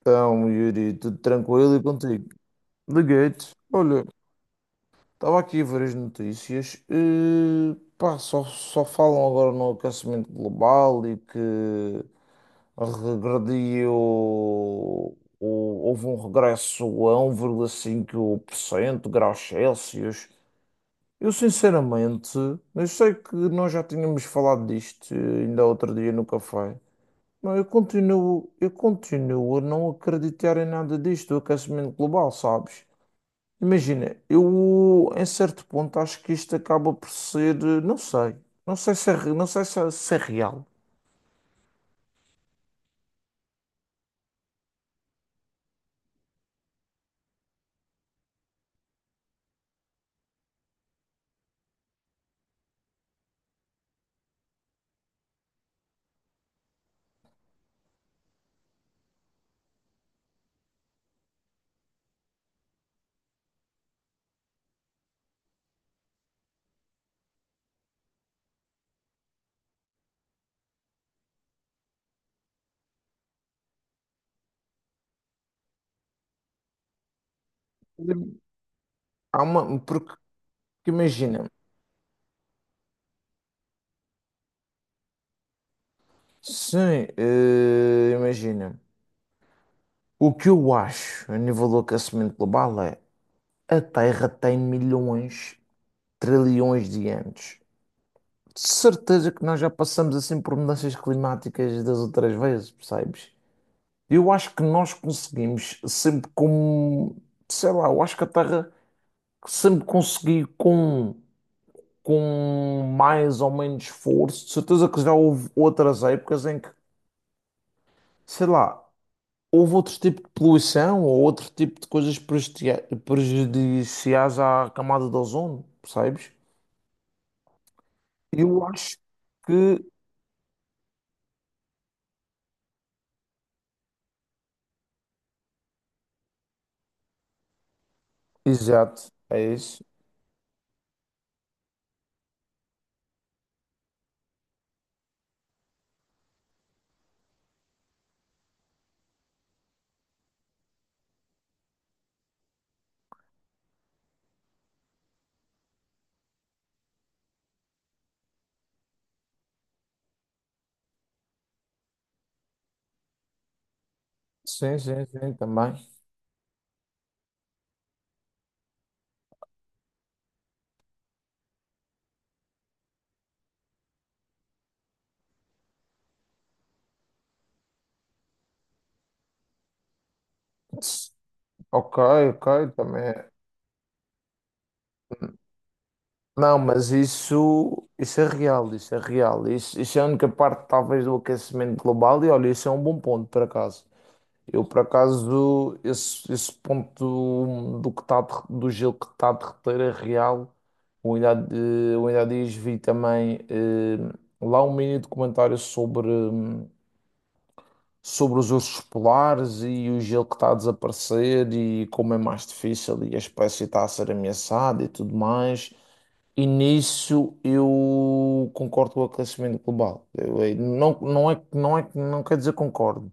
Então, Yuri, tudo tranquilo e contigo? Liguei-te. Olha, estava aqui a ver as notícias. E, pá, só falam agora no aquecimento global e que regrediu. Houve um regresso a um 1,5% graus Celsius. Eu, sinceramente, eu sei que nós já tínhamos falado disto ainda outro dia no café. Não, eu continuo a não acreditar em nada disto, do aquecimento global, sabes? Imagina, eu em certo ponto acho que isto acaba por ser, não sei, não sei se é, não sei se é real. Há uma, porque imagina, sim, imagina, o que eu acho a nível do aquecimento global é a Terra tem milhões, trilhões de anos. De certeza que nós já passamos assim por mudanças climáticas das outras vezes, percebes? Eu acho que nós conseguimos sempre com, sei lá, eu acho que a Terra sempre conseguiu com mais ou menos esforço. De certeza que já houve outras épocas em que, sei lá, houve outro tipo de poluição ou outro tipo de coisas prejudiciais à camada de ozono, percebes? Eu acho que, exato, é isso. Sim, sim, sim, também. Ok, ok, também é. Não, mas isso é real, isso é real. Isso é a única parte, talvez, do aquecimento global. E olha, isso é um bom ponto, por acaso. Eu, por acaso, esse ponto do, que tá, do gelo que está a derreter é real. Eu ainda, eu ainda há dias vi também lá um mini documentário sobre. Sobre os ursos polares e o gelo que está a desaparecer e como é mais difícil e a espécie está a ser ameaçada e tudo mais. E nisso eu concordo com o aquecimento global. Eu não, não é, não é, não quer dizer concordo.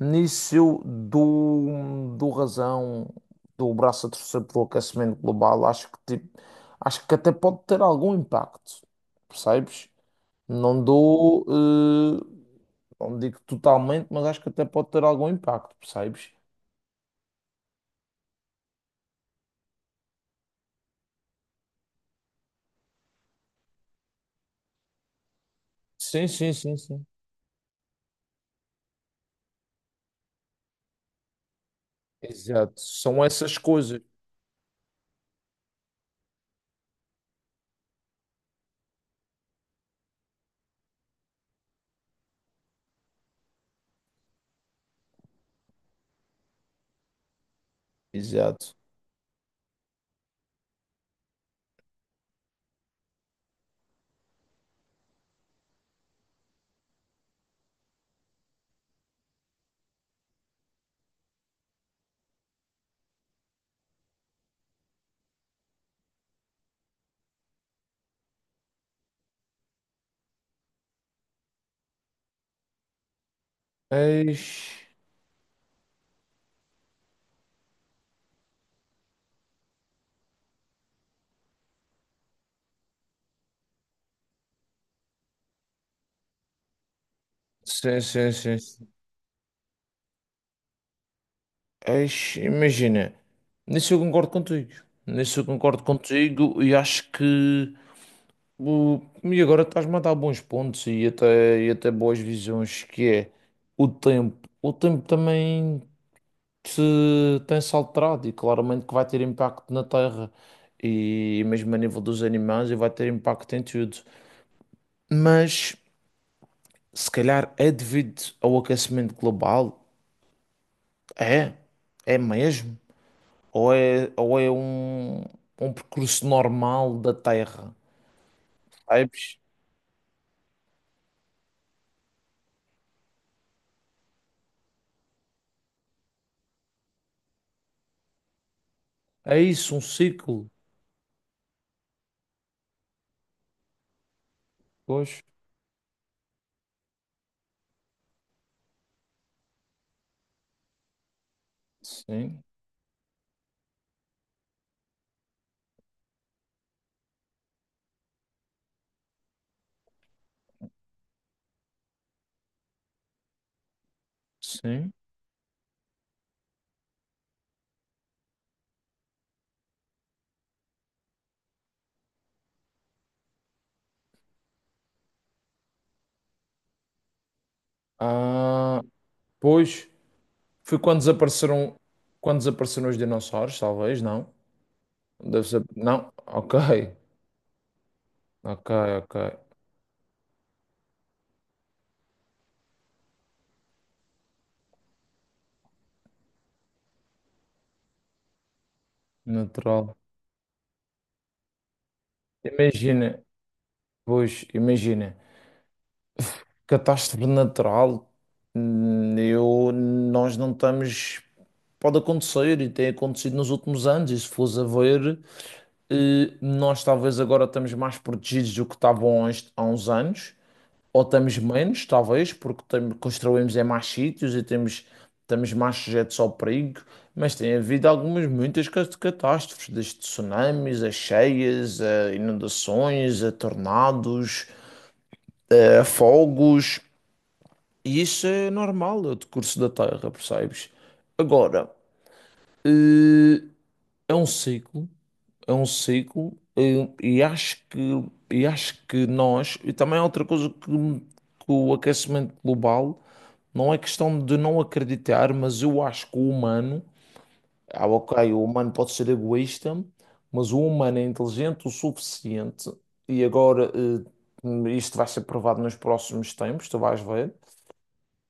Nisso eu dou, dou razão, dou o braço a torcer pelo aquecimento global. Acho que, tipo, acho que até pode ter algum impacto, percebes? Não dou. eh, não digo totalmente, mas acho que até pode ter algum impacto, percebes? Sim, sim, sim, sim. Exato. São essas coisas. Exato. Eis. Sim, sim, sim, sim. Eis, imagina. Nisso eu concordo contigo. Nisso eu concordo contigo e acho que. E agora estás-me a dar bons pontos e até boas visões, que é o tempo. O tempo também. Se tem-se alterado e claramente que vai ter impacto na Terra e mesmo a nível dos animais e vai ter impacto em tudo. Mas se calhar é devido ao aquecimento global? É, é mesmo? Ou é um, um percurso normal da Terra? Sabes? É isso, um ciclo. Pois, sim, sim. Ah, pois, foi quando desapareceram os dinossauros, talvez, não? Deve ser. Não, ok, ok, ok. Natural. Imagina, pois, imagina, catástrofe natural, eu, nós não estamos. Pode acontecer e tem acontecido nos últimos anos, e se fores a ver, nós talvez agora estamos mais protegidos do que estavam há uns anos. Ou estamos menos, talvez, porque construímos em mais sítios e temos, estamos mais sujeitos ao perigo, mas tem havido algumas, muitas catástrofes, desde tsunamis, a cheias, a inundações, a tornados, a fogos, e isso é normal, é o decurso da Terra, percebes? Agora, eh, é um ciclo é um ciclo, e acho que e acho que nós também há outra coisa que o aquecimento global não é questão de não acreditar, mas eu acho que o humano, ah, ok, o humano pode ser egoísta, mas o humano é inteligente o suficiente e agora isto vai ser provado nos próximos tempos, tu vais ver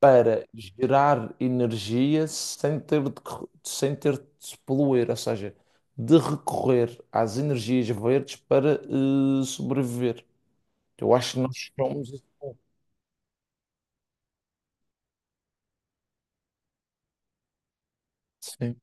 para gerar energia sem ter de, sem ter de se poluir, ou seja, de recorrer às energias verdes para sobreviver. Eu acho que nós somos. Esse povo. Sim.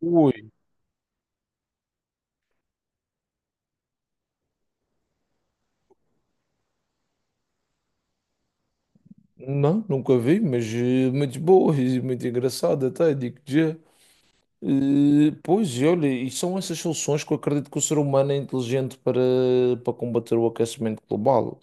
Ui, não, nunca vi, mas muito boa e muito engraçada, até digo já. Pois, e olha, e são essas soluções que eu acredito que o ser humano é inteligente para, para combater o aquecimento global.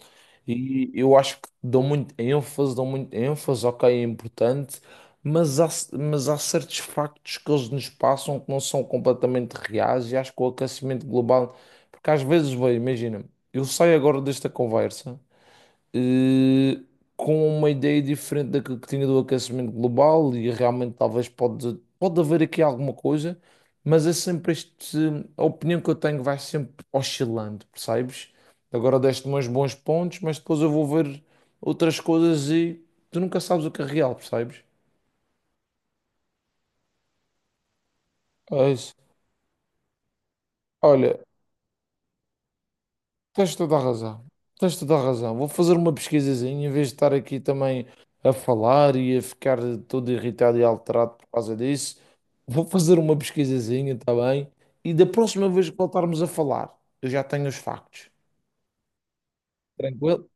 E eu acho que dão muito ênfase, ok, é importante, mas há, mas há certos factos que eles nos passam que não são completamente reais e acho que o aquecimento global, porque às vezes, bem, imagina, eu saio agora desta conversa eh, com uma ideia diferente daquilo que tinha do aquecimento global e realmente talvez pode, pode haver aqui alguma coisa, mas é sempre este, a opinião que eu tenho vai sempre oscilando, percebes? Agora deste-me uns bons pontos, mas depois eu vou ver outras coisas e tu nunca sabes o que é real, percebes? É isso. Olha, Tens toda a razão. Tens toda a razão. Vou fazer uma pesquisazinha em vez de estar aqui também a falar e a ficar todo irritado e alterado por causa disso. Vou fazer uma pesquisazinha, está bem? E da próxima vez que voltarmos a falar, eu já tenho os factos. Tranquilo?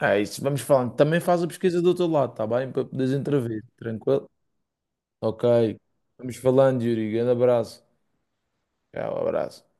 É isso, vamos falando. Também faz a pesquisa do teu lado, está bem? Para poderes intervir. Tranquilo? Ok. Vamos falando, Yuri. Grande abraço. Tchau, abraço.